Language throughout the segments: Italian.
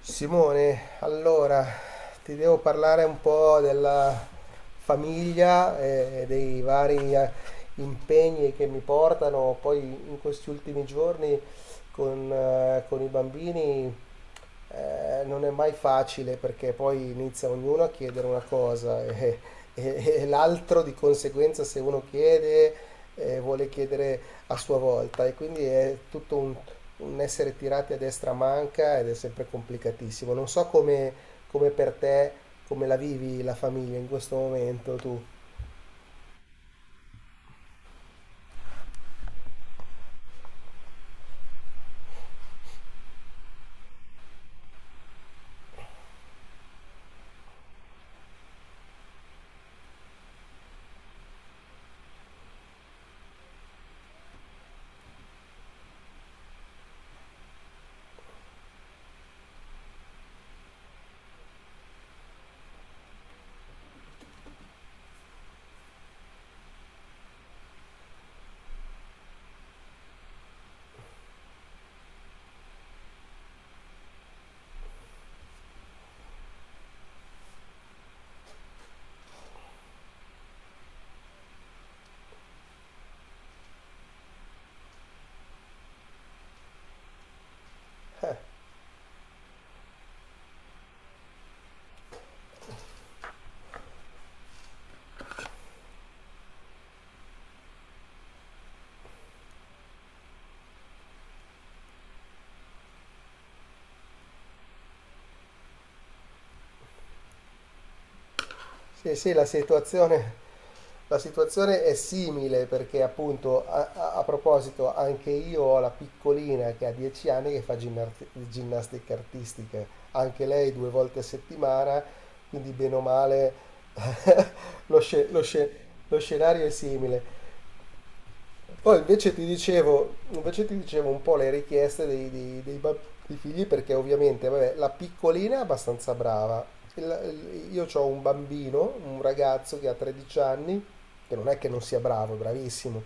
Simone, allora ti devo parlare un po' della famiglia e dei vari impegni che mi portano poi in questi ultimi giorni con i bambini. Non è mai facile perché poi inizia ognuno a chiedere una cosa, e l'altro di conseguenza. Se uno chiede, vuole chiedere a sua volta, e quindi è tutto un essere tirati a destra manca, ed è sempre complicatissimo. Non so come per te, come la vivi la famiglia in questo momento tu. Sì, sì, la situazione. La situazione è simile, perché appunto a proposito, anche io ho la piccolina che ha 10 anni che fa ginnastica artistica, anche lei due volte a settimana, quindi bene o male... lo, sce- lo sce- lo scenario è simile. Poi invece ti dicevo un po' le richieste dei figli, perché ovviamente vabbè, la piccolina è abbastanza brava. Io ho un bambino, un ragazzo che ha 13 anni, che non è che non sia bravo, è bravissimo,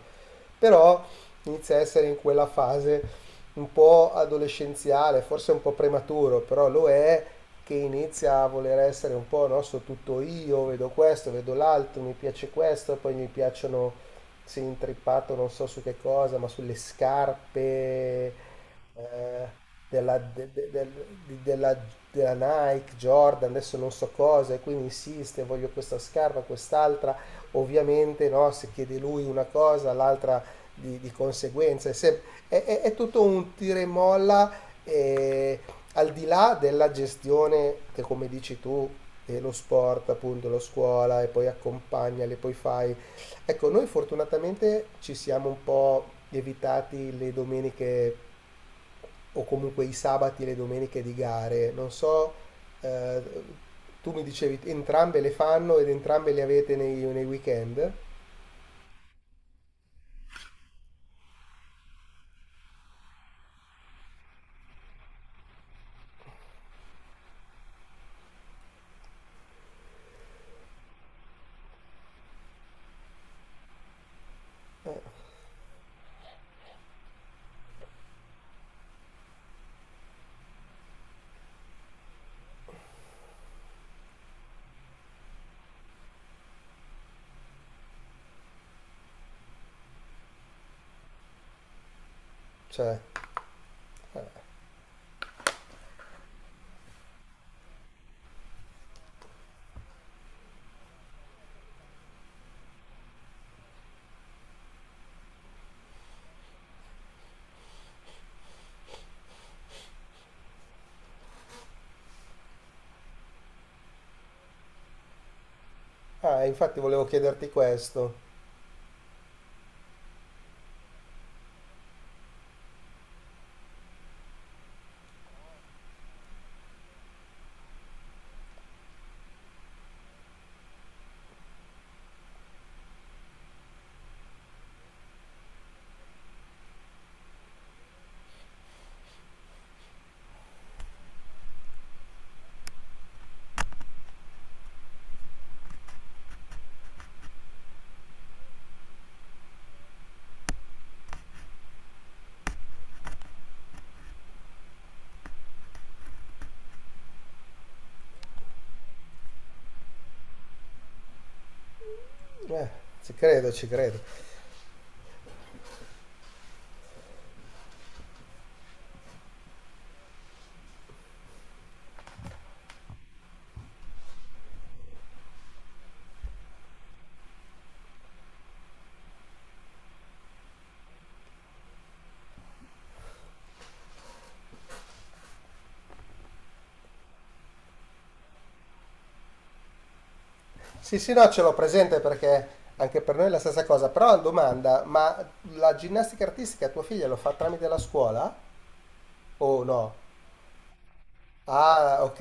però inizia a essere in quella fase un po' adolescenziale, forse un po' prematuro, però lo è, che inizia a voler essere un po', no, so tutto io, vedo questo, vedo l'altro, mi piace questo, poi mi piacciono, si è intrippato non so su che cosa, ma sulle scarpe, eh, della, de- de- del- di- della- della Nike, Jordan, adesso non so cosa, e quindi insiste, voglio questa scarpa, quest'altra. Ovviamente, no, se chiede lui una cosa, l'altra di conseguenza. È, sem- è tutto un tira e molla, eh, al di là della gestione che, come dici tu, lo sport, appunto, lo scuola, e poi accompagnali, poi fai... Ecco, noi fortunatamente ci siamo un po' evitati le domeniche, o comunque i sabati e le domeniche di gare. Non so, eh, tu mi dicevi entrambe le fanno, ed entrambe le avete nei weekend? Cioè, ah, infatti volevo chiederti questo. Eh, ci credo, ci credo. Sì, sì, no, ce l'ho presente, perché anche per noi è la stessa cosa. Però una domanda, ma la ginnastica artistica tua figlia lo fa tramite la scuola? O no? Ah, ok,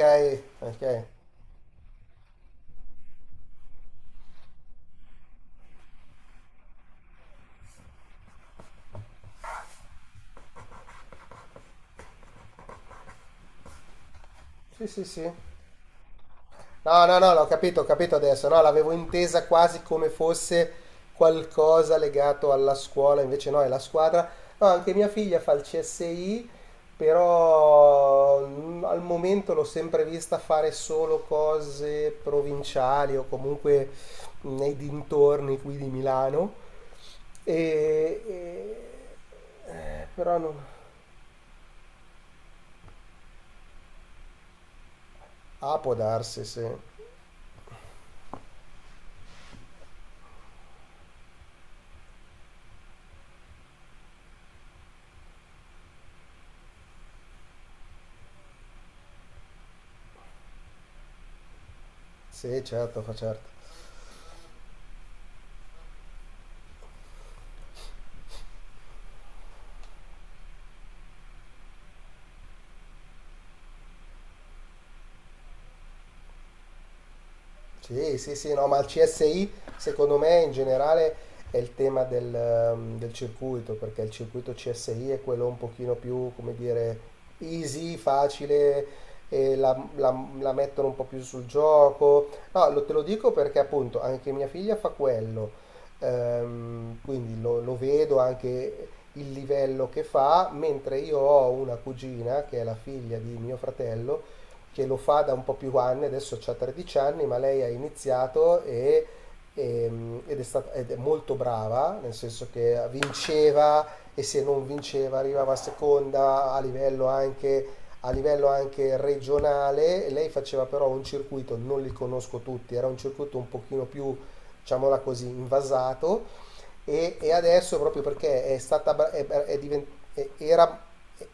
ok. Sì, sì, sì. No, no, no, l'ho capito, ho capito adesso. No, l'avevo intesa quasi come fosse qualcosa legato alla scuola, invece no, è la squadra. No, anche mia figlia fa il CSI, però al momento l'ho sempre vista fare solo cose provinciali, o comunque nei dintorni qui di Milano. E, e- Però non... Ah, può darsi, sì. Sì, certo, fa certo. Sì, sì, sì, no, ma il CSI secondo me in generale è il tema del circuito, perché il circuito CSI è quello un pochino più, come dire, easy, facile, e la mettono un po' più sul gioco. No, te lo dico perché appunto anche mia figlia fa quello. Quindi lo vedo anche il livello che fa, mentre io ho una cugina che è la figlia di mio fratello, che lo fa da un po' più anni, adesso ha 13 anni, ma lei ha iniziato ed è molto brava, nel senso che vinceva, e se non vinceva arrivava seconda a livello anche, regionale. E lei faceva però un circuito, non li conosco tutti, era un circuito un pochino più, diciamola così, invasato. E adesso, proprio perché è stata bra- è divent- è- era,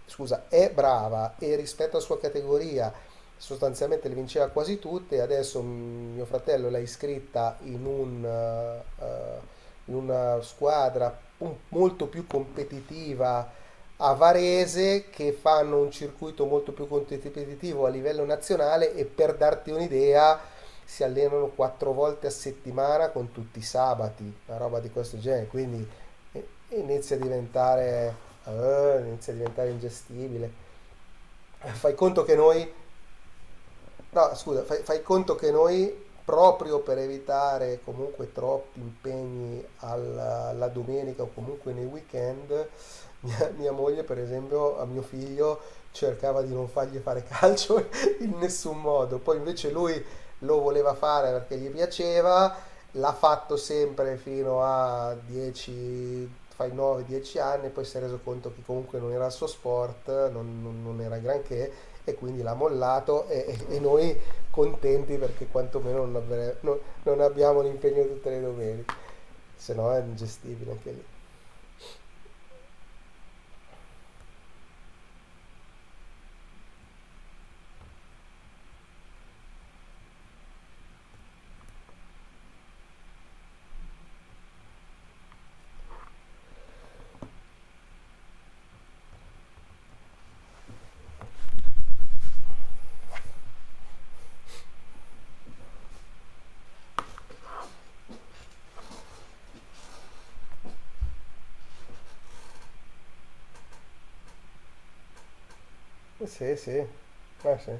scusa, è brava, e rispetto alla sua categoria sostanzialmente le vinceva quasi tutte, adesso mio fratello l'ha iscritta in una squadra molto più competitiva a Varese, che fanno un circuito molto più competitivo a livello nazionale. E per darti un'idea, si allenano quattro volte a settimana con tutti i sabati, una roba di questo genere, quindi eh, inizia a diventare, inizia a diventare ingestibile. Fai conto che noi No, scusa, fai, fai conto che noi, proprio per evitare comunque troppi impegni alla domenica, o comunque nei weekend, mia moglie, per esempio, a mio figlio cercava di non fargli fare calcio in nessun modo. Poi invece lui lo voleva fare perché gli piaceva, l'ha fatto sempre fino a 10, fai 9-10 anni, poi si è reso conto che comunque non era il suo sport, non era granché, e quindi l'ha mollato, e noi contenti perché quantomeno non, avre- non- non abbiamo l'impegno tutte le domeniche, se no è ingestibile anche lì. Eh sì, sì, eh sì.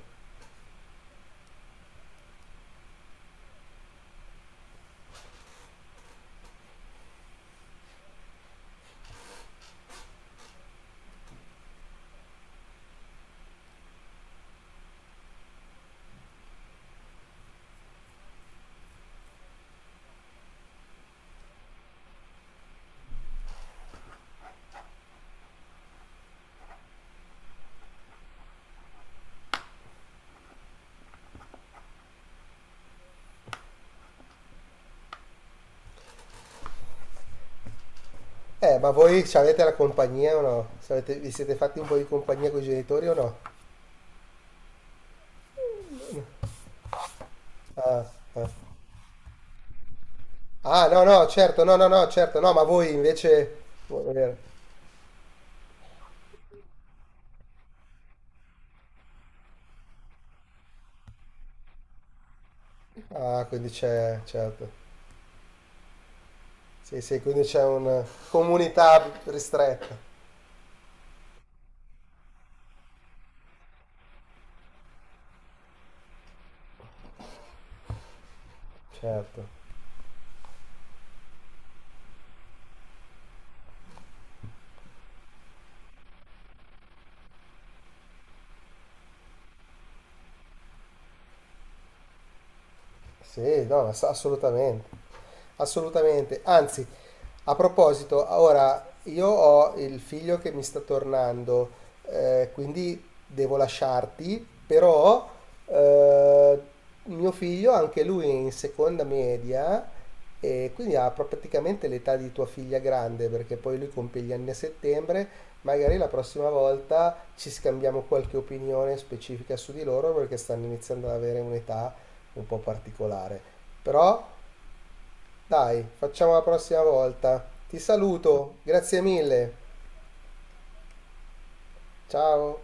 Ma voi ci avete la compagnia o no? Vi siete fatti un po' di compagnia con i genitori o no? Ah, ah. Ah, no, no, certo, no, no, no, certo, no, ma voi invece... Vuol dire... Ah, quindi c'è, certo. Sì, sì, quindi c'è una comunità ristretta. Certo. Sì, no, ma assolutamente. Assolutamente. Anzi, a proposito, ora io ho il figlio che mi sta tornando, quindi devo lasciarti, però eh, mio figlio, anche lui è in seconda media, e quindi ha praticamente l'età di tua figlia grande, perché poi lui compie gli anni a settembre. Magari la prossima volta ci scambiamo qualche opinione specifica su di loro, perché stanno iniziando ad avere un'età un po' particolare. Però dai, facciamo la prossima volta. Ti saluto, grazie mille. Ciao.